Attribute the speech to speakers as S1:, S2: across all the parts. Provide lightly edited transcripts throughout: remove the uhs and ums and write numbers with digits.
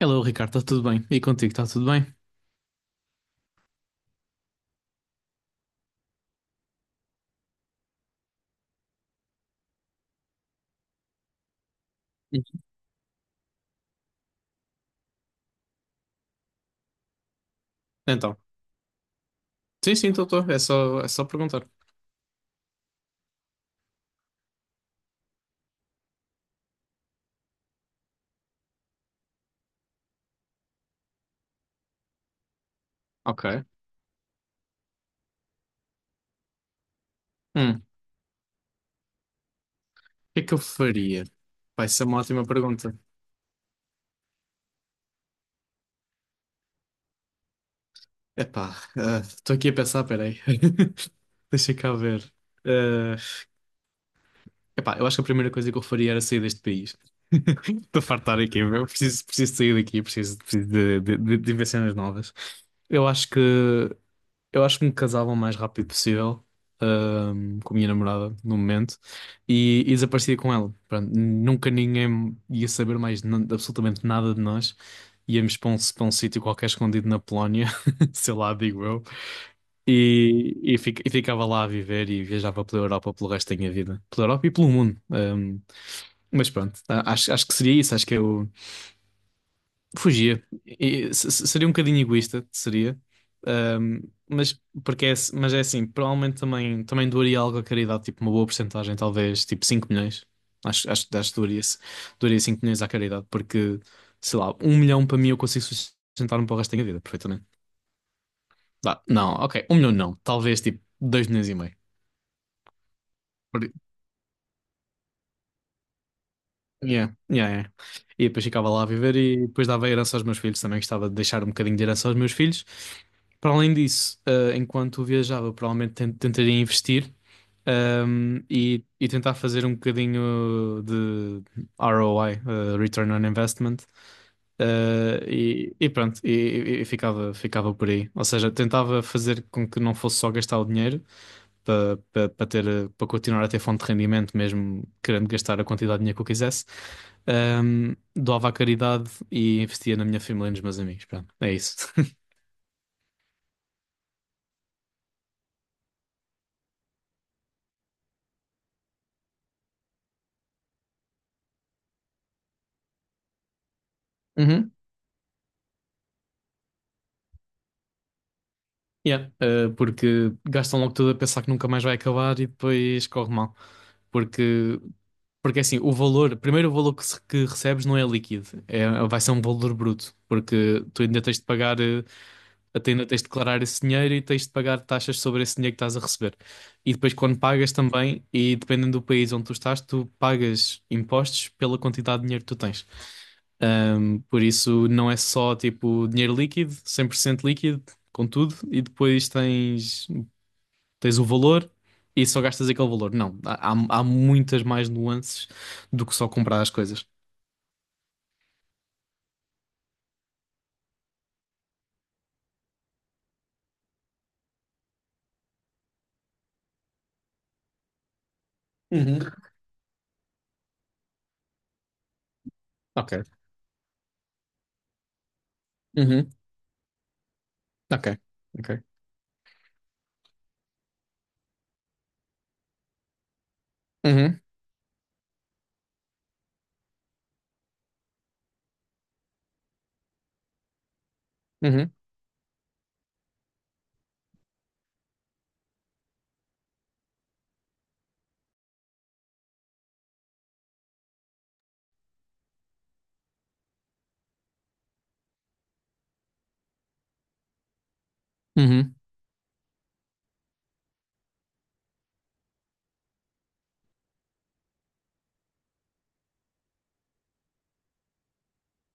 S1: Hello, Ricardo, está tudo bem? E contigo, está tudo bem? Sim. Então, sim, sim, estou, estou. É só perguntar. Ok. O que é que eu faria? Vai ser uma ótima pergunta. Epá, estou aqui a pensar, peraí. Deixa cá ver. Ah, Epá, eu acho que a primeira coisa que eu faria era sair deste país. Estou a fartar aqui, meu. Preciso sair daqui, preciso de, de ver cenas novas. Eu acho que eu acho que me casava o mais rápido possível, com a minha namorada no momento e desaparecia com ela. Pronto, nunca ninguém ia saber mais absolutamente nada de nós. Íamos para um sítio qualquer escondido na Polónia, sei lá, digo eu, e ficava lá a viver e viajava pela Europa pelo resto da minha vida. Pela Europa e pelo mundo. Mas pronto, acho que seria isso. Acho que eu fugia. Seria um bocadinho egoísta, seria. Ahm, mas mas é assim, provavelmente também doaria algo à caridade, tipo uma boa porcentagem, talvez tipo 5 milhões. Acho que doaria 5 milhões à caridade, porque sei lá, 1 milhão para mim eu consigo sustentar-me para o resto da minha vida, perfeitamente. Dá. Não, ok, um milhão não, talvez tipo 2 milhões e meio. Yeah, yeah, yeah. E depois ficava lá a viver e depois dava herança aos meus filhos. Também gostava de deixar um bocadinho de herança aos meus filhos. Para além disso, enquanto viajava, provavelmente tentaria investir, e tentar fazer um bocadinho de ROI, Return on Investment, eh, e, e pronto, e, e ficava, ficava por aí. Ou seja, tentava fazer com que não fosse só gastar o dinheiro, para ter, para continuar a ter fonte de rendimento, mesmo querendo gastar a quantidade de dinheiro que eu quisesse. Doava à caridade e investia na minha família e nos meus amigos. Pronto, é isso. Uhum. Yeah, porque gastam logo tudo a pensar que nunca mais vai acabar e depois corre mal. Porque, porque assim, o valor, primeiro o valor que recebes não é líquido, vai ser um valor bruto, porque tu ainda tens de pagar. Até ainda tens de declarar esse dinheiro e tens de pagar taxas sobre esse dinheiro que estás a receber. E depois, quando pagas também, e dependendo do país onde tu estás, tu pagas impostos pela quantidade de dinheiro que tu tens. Por isso, não é só tipo dinheiro líquido, 100% líquido, com tudo, e depois tens, tens, o valor e só gastas aquele valor. Não, há muitas mais nuances do que só comprar as coisas. Uhum. Ok. Uhum. Ok. Ok. Uhum. Uhum. Uhum.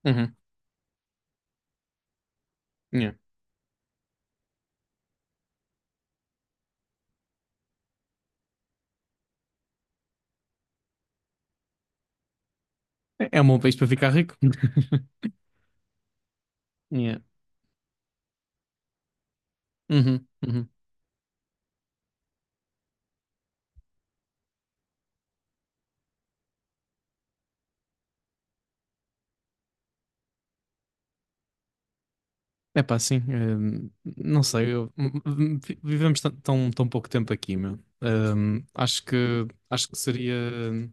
S1: Uhum. Yeah. É um bom país para ficar rico. Yeah. Uhum, uhum. É pá, sim. Não sei, vivemos tão pouco tempo aqui, meu. Acho que seria,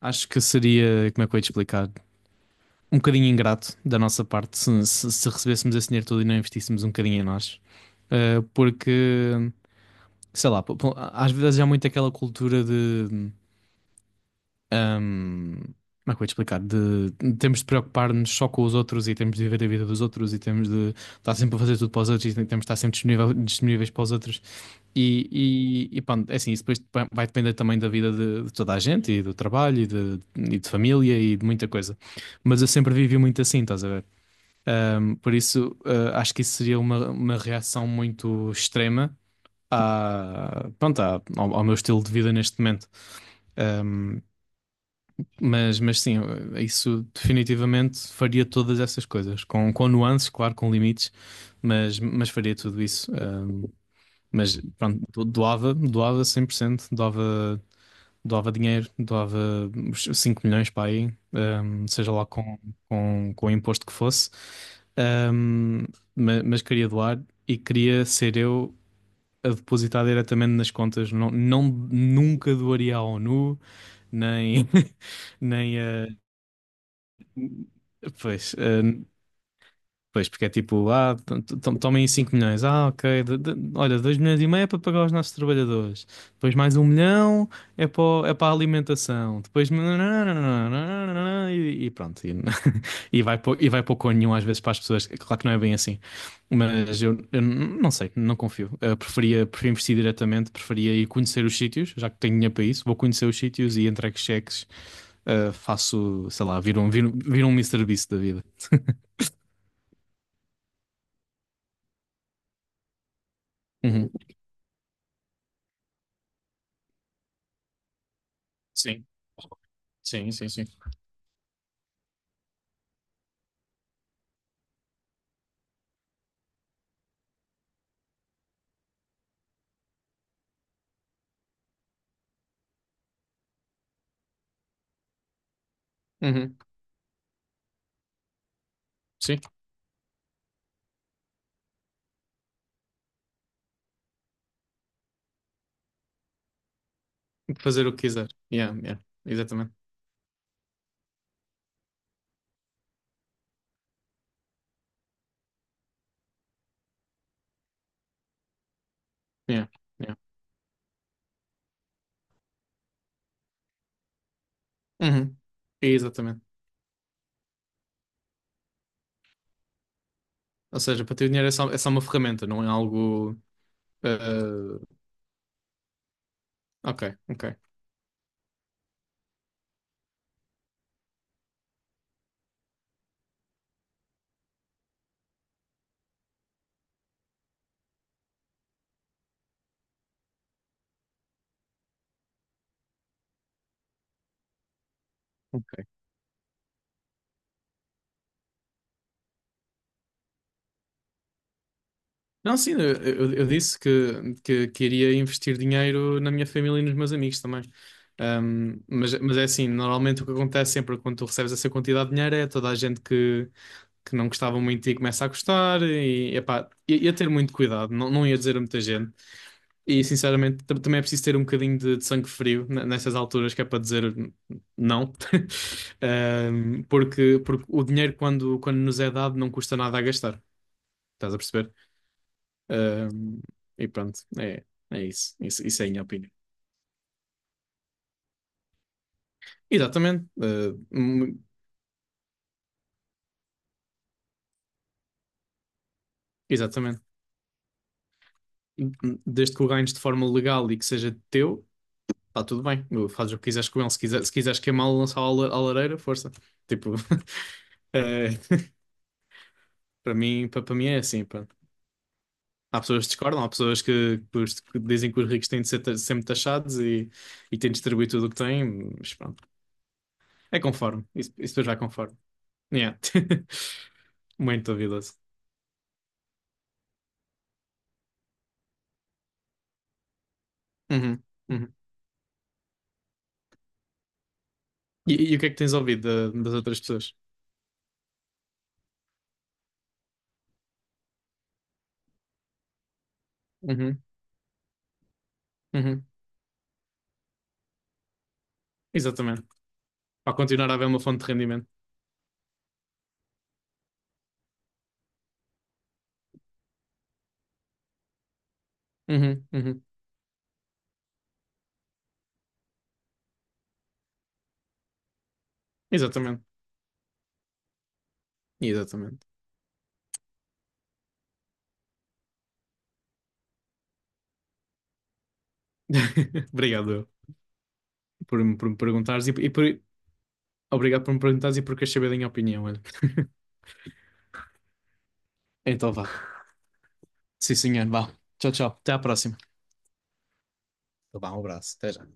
S1: acho que seria, como é que eu ia te explicar? Um bocadinho ingrato da nossa parte se recebêssemos esse dinheiro todo e não investíssemos um bocadinho em nós. Porque sei lá, às vezes há muito aquela cultura de. Ahm, Como é que eu ia te explicar? Temos de preocupar-nos só com os outros e temos de viver a vida dos outros e temos de estar sempre a fazer tudo para os outros e temos de estar sempre disponível, disponíveis para os outros. E, e pronto, é assim, isso depois vai depender também da vida de, toda a gente e do trabalho e de família e de muita coisa. Mas eu sempre vivi muito assim, estás a ver? Por isso, acho que isso seria uma reação muito extrema à, pronto, ao meu estilo de vida neste momento. Mas sim, isso definitivamente faria todas essas coisas, com nuances, claro, com limites, mas faria tudo isso. Mas pronto, doava 100%, doava, doava dinheiro, doava uns 5 milhões para aí, seja lá com o imposto que fosse. Ahm, mas queria doar e queria ser eu a depositar diretamente nas contas. Não, não, nunca doaria à ONU, nem. Nem, a. Pois, porque é tipo, tomem 5 milhões, ok, olha, 2,5 milhões é para pagar os nossos trabalhadores, depois mais 1 milhão é para, é para a alimentação, depois e, e pronto, e, e vai para nenhum às vezes para as pessoas, claro que não é bem assim, mas não sei, não confio. Preferia investir diretamente, preferia ir conhecer os sítios, já que tenho dinheiro para isso, vou conhecer os sítios e entrego cheques, faço, sei lá, viro um MrBeast da vida. Uhum. Sim, sim, sim, sim. Uhum. Sim, fazer o que quiser. Yeah, yeah, exatamente. Yeah, yeah. Uhum. Exatamente. Ou seja, para ter, o dinheiro é só uma ferramenta, não é algo. eh, ok, ok, ok. Não, sim, eu disse que queria investir dinheiro na minha família e nos meus amigos também. Mas é assim, normalmente o que acontece sempre quando tu recebes essa quantidade de dinheiro é toda a gente que não gostava muito e começa a gostar e, epá, ia ter muito cuidado, não, não ia dizer a muita gente. E sinceramente também é preciso ter um bocadinho de sangue frio nessas alturas, que é para dizer Não." Porque, porque O dinheiro quando nos é dado não custa nada a gastar. Estás a perceber? Ahm, e pronto, é isso. Isso. Isso é a minha opinião. Exatamente. Exatamente. Desde que o ganhes de forma legal e que seja teu, está tudo bem. Fazes o que quiseres com ele. Se quiser, se quiseres queimá-lo, lançá-lo à à lareira, força. Tipo, eh, para mim, para mim é assim. Há pessoas que discordam, há pessoas que dizem que os ricos têm de ser sempre taxados e têm de distribuir tudo o que têm, mas pronto. É conforme. Isso depois vai conforme. Yeah. Muito duvidoso. Uhum, uhum. E o que é que tens ouvido das outras pessoas? Uhum, uhum. Exatamente. Para continuar a haver uma fonte de rendimento. Uhum, uhum. Exatamente. Exatamente. Obrigado eu, por me perguntares obrigado por me perguntares e por queres saber da minha opinião. Olha. Então vá. Sim, senhor, vá. Tchau, tchau. Até à próxima. Então vá, um abraço. Até já.